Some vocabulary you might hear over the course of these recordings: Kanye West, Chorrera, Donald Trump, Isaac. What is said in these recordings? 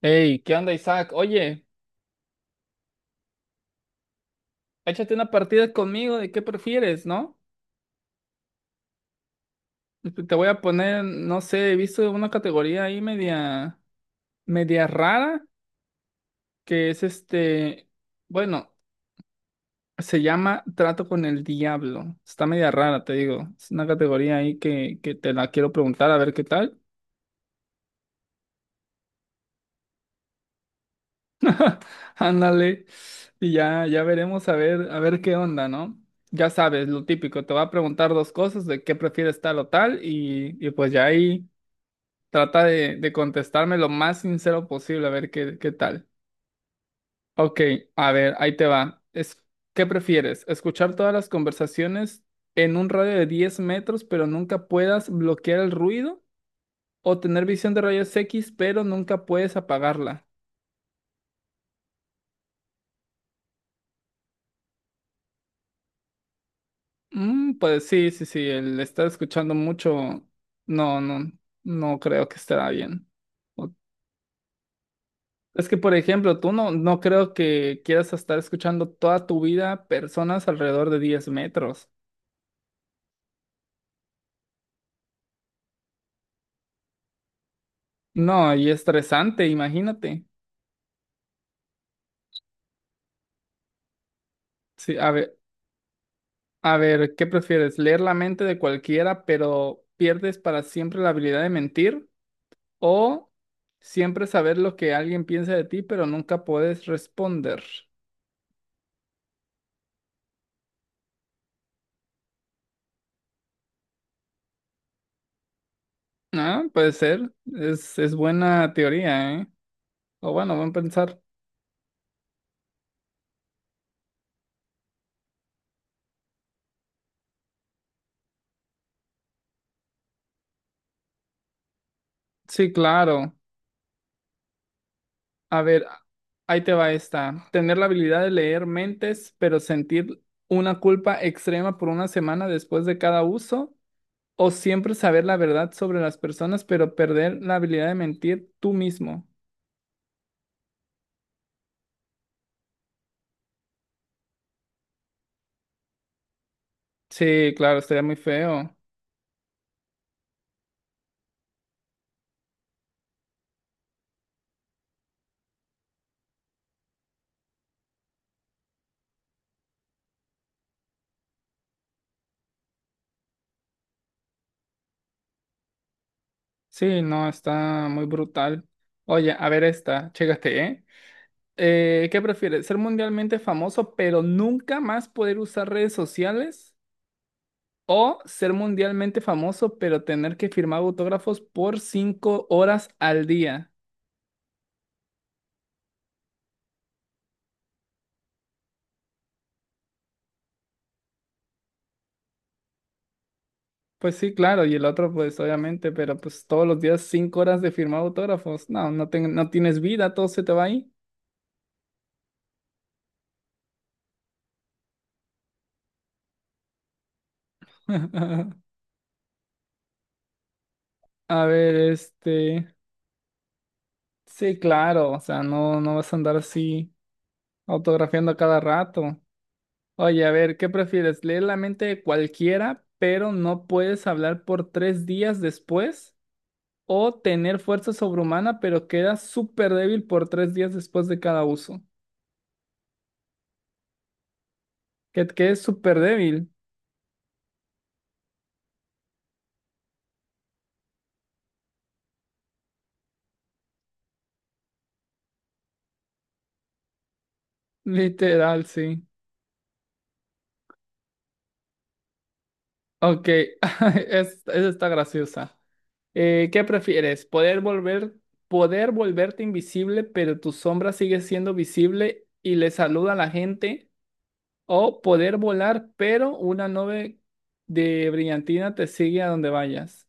Hey, ¿qué onda, Isaac? Oye, échate una partida conmigo de qué prefieres, ¿no? Te voy a poner, no sé, he visto una categoría ahí media, media rara, que es bueno, se llama Trato con el Diablo. Está media rara, te digo. Es una categoría ahí que te la quiero preguntar a ver qué tal. Ándale. Y ya, ya veremos a ver qué onda, ¿no? Ya sabes, lo típico, te va a preguntar dos cosas de qué prefieres tal o tal, y pues ya ahí. Trata de contestarme lo más sincero posible, a ver qué tal. Ok, a ver, ahí te va. Es, ¿qué prefieres? ¿Escuchar todas las conversaciones en un radio de 10 metros, pero nunca puedas bloquear el ruido? ¿O tener visión de rayos X, pero nunca puedes apagarla? Pues sí, sí, sí, el estar escuchando mucho, no, no, no creo que estará bien. O- Es que, por ejemplo, tú no, no creo que quieras estar escuchando toda tu vida personas alrededor de 10 metros. No, y estresante, imagínate. Sí, a ver, ¿qué prefieres? ¿Leer la mente de cualquiera, pero pierdes para siempre la habilidad de mentir? ¿O siempre saber lo que alguien piensa de ti, pero nunca puedes responder? Ah, puede ser. Es buena teoría, ¿eh? O bueno, buen pensar. Sí, claro. A ver, ahí te va esta. Tener la habilidad de leer mentes, pero sentir una culpa extrema por una semana después de cada uso. O siempre saber la verdad sobre las personas, pero perder la habilidad de mentir tú mismo. Sí, claro, estaría muy feo. Sí, no, está muy brutal. Oye, a ver esta, chécate, ¿eh? ¿Qué prefieres? ¿Ser mundialmente famoso, pero nunca más poder usar redes sociales? ¿O ser mundialmente famoso, pero tener que firmar autógrafos por 5 horas al día? Pues sí, claro, y el otro, pues obviamente, pero pues todos los días 5 horas de firmar autógrafos. No, no, no tienes vida, todo se te va ahí. A ver, este. Sí, claro, o sea, no, no vas a andar así autografiando a cada rato. Oye, a ver, ¿qué prefieres? ¿Leer la mente de cualquiera, pero no puedes hablar por 3 días después? ¿O tener fuerza sobrehumana, pero quedas súper débil por 3 días después de cada uso? Que quedes súper débil, literal, sí. Ok, esa está graciosa. ¿Qué prefieres? ¿Poder volverte invisible, pero tu sombra sigue siendo visible y le saluda a la gente? ¿O poder volar, pero una nube de brillantina te sigue a donde vayas?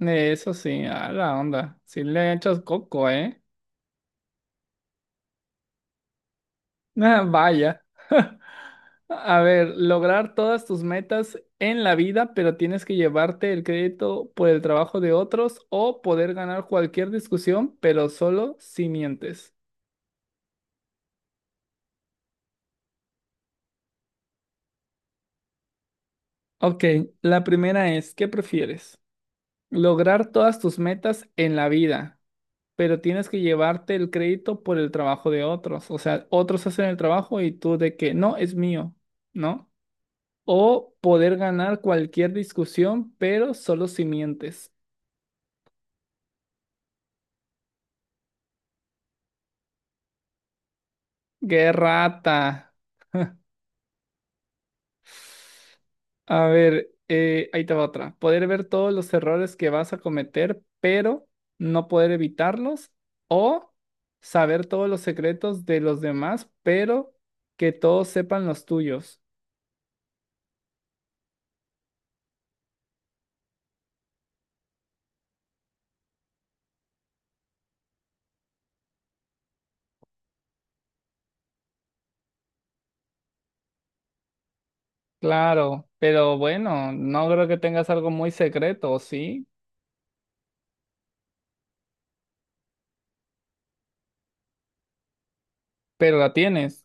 Eso sí, a la onda. Si le echas coco, ¿eh? Ah, vaya. A ver, lograr todas tus metas en la vida, pero tienes que llevarte el crédito por el trabajo de otros o poder ganar cualquier discusión, pero solo si mientes. Ok, la primera es, ¿qué prefieres? Lograr todas tus metas en la vida, pero tienes que llevarte el crédito por el trabajo de otros. O sea, otros hacen el trabajo y tú de que no, es mío, ¿no? O poder ganar cualquier discusión, pero solo si mientes. ¡Qué rata! A ver, ahí te va otra. Poder ver todos los errores que vas a cometer, pero no poder evitarlos. O saber todos los secretos de los demás, pero que todos sepan los tuyos. Claro, pero bueno, no creo que tengas algo muy secreto, ¿o sí? Pero la tienes.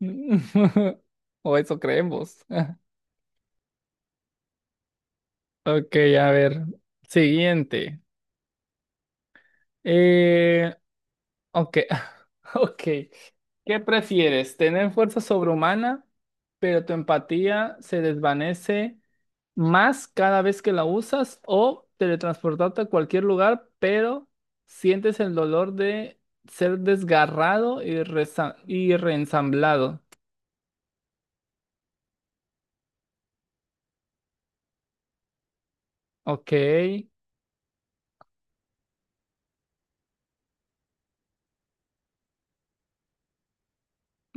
O eso creemos. Ok, a ver. Siguiente. Eh, ok, ok. ¿Qué prefieres? ¿Tener fuerza sobrehumana, pero tu empatía se desvanece más cada vez que la usas? ¿O teletransportarte a cualquier lugar, pero sientes el dolor de ser desgarrado y, y reensamblado? Ok.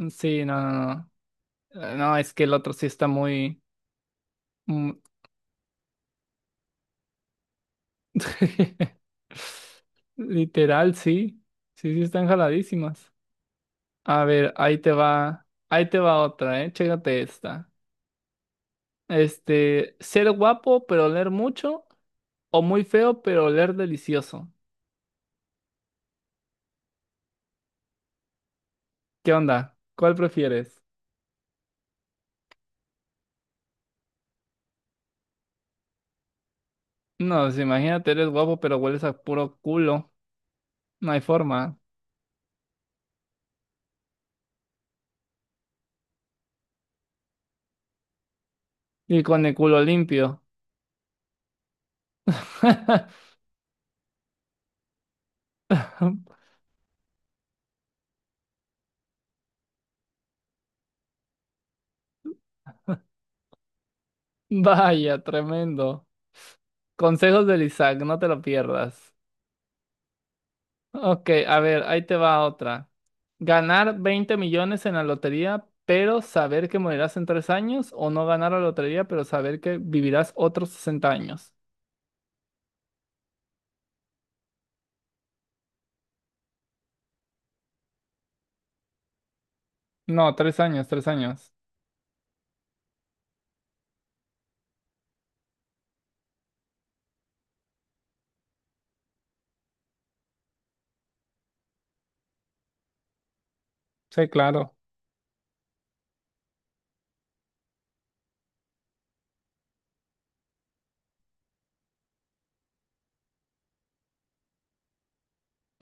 Sí, no, no, no. No, es que el otro sí está muy... mm, Literal, sí. Sí, sí, están jaladísimas. A ver, ahí te va otra, ¿eh? Chécate esta. Ser guapo pero oler mucho o muy feo pero oler delicioso. ¿Qué onda? ¿Cuál prefieres? No, pues, imagínate, eres guapo pero hueles a puro culo. No hay forma. Y con el culo limpio. Vaya, tremendo. Consejos del Isaac, no te lo pierdas. Ok, a ver, ahí te va otra. Ganar 20 millones en la lotería, pero saber que morirás en 3 años, o no ganar la lotería, pero saber que vivirás otros 60 años. No, 3 años, 3 años. Sí, claro.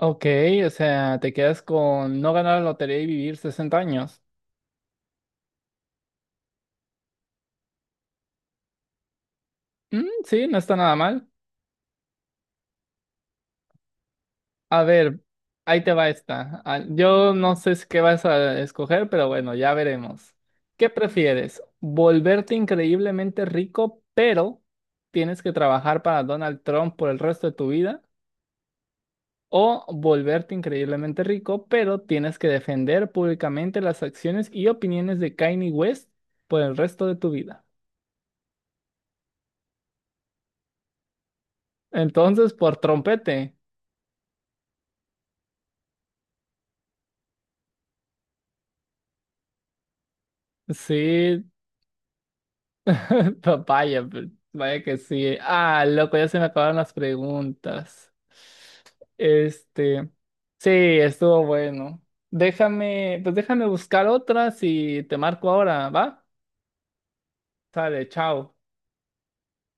Ok, o sea, te quedas con no ganar la lotería y vivir 60 años. Mm, sí, no está nada mal. A ver, ahí te va esta. Ah, yo no sé si qué vas a escoger, pero bueno, ya veremos. ¿Qué prefieres? ¿Volverte increíblemente rico, pero tienes que trabajar para Donald Trump por el resto de tu vida? ¿O volverte increíblemente rico, pero tienes que defender públicamente las acciones y opiniones de Kanye West por el resto de tu vida? Entonces, por trompete. Sí, papaya, pero vaya que sí. Ah, loco, ya se me acabaron las preguntas. Este, sí, estuvo bueno. Pues déjame buscar otras y te marco ahora, ¿va? Sale, chao.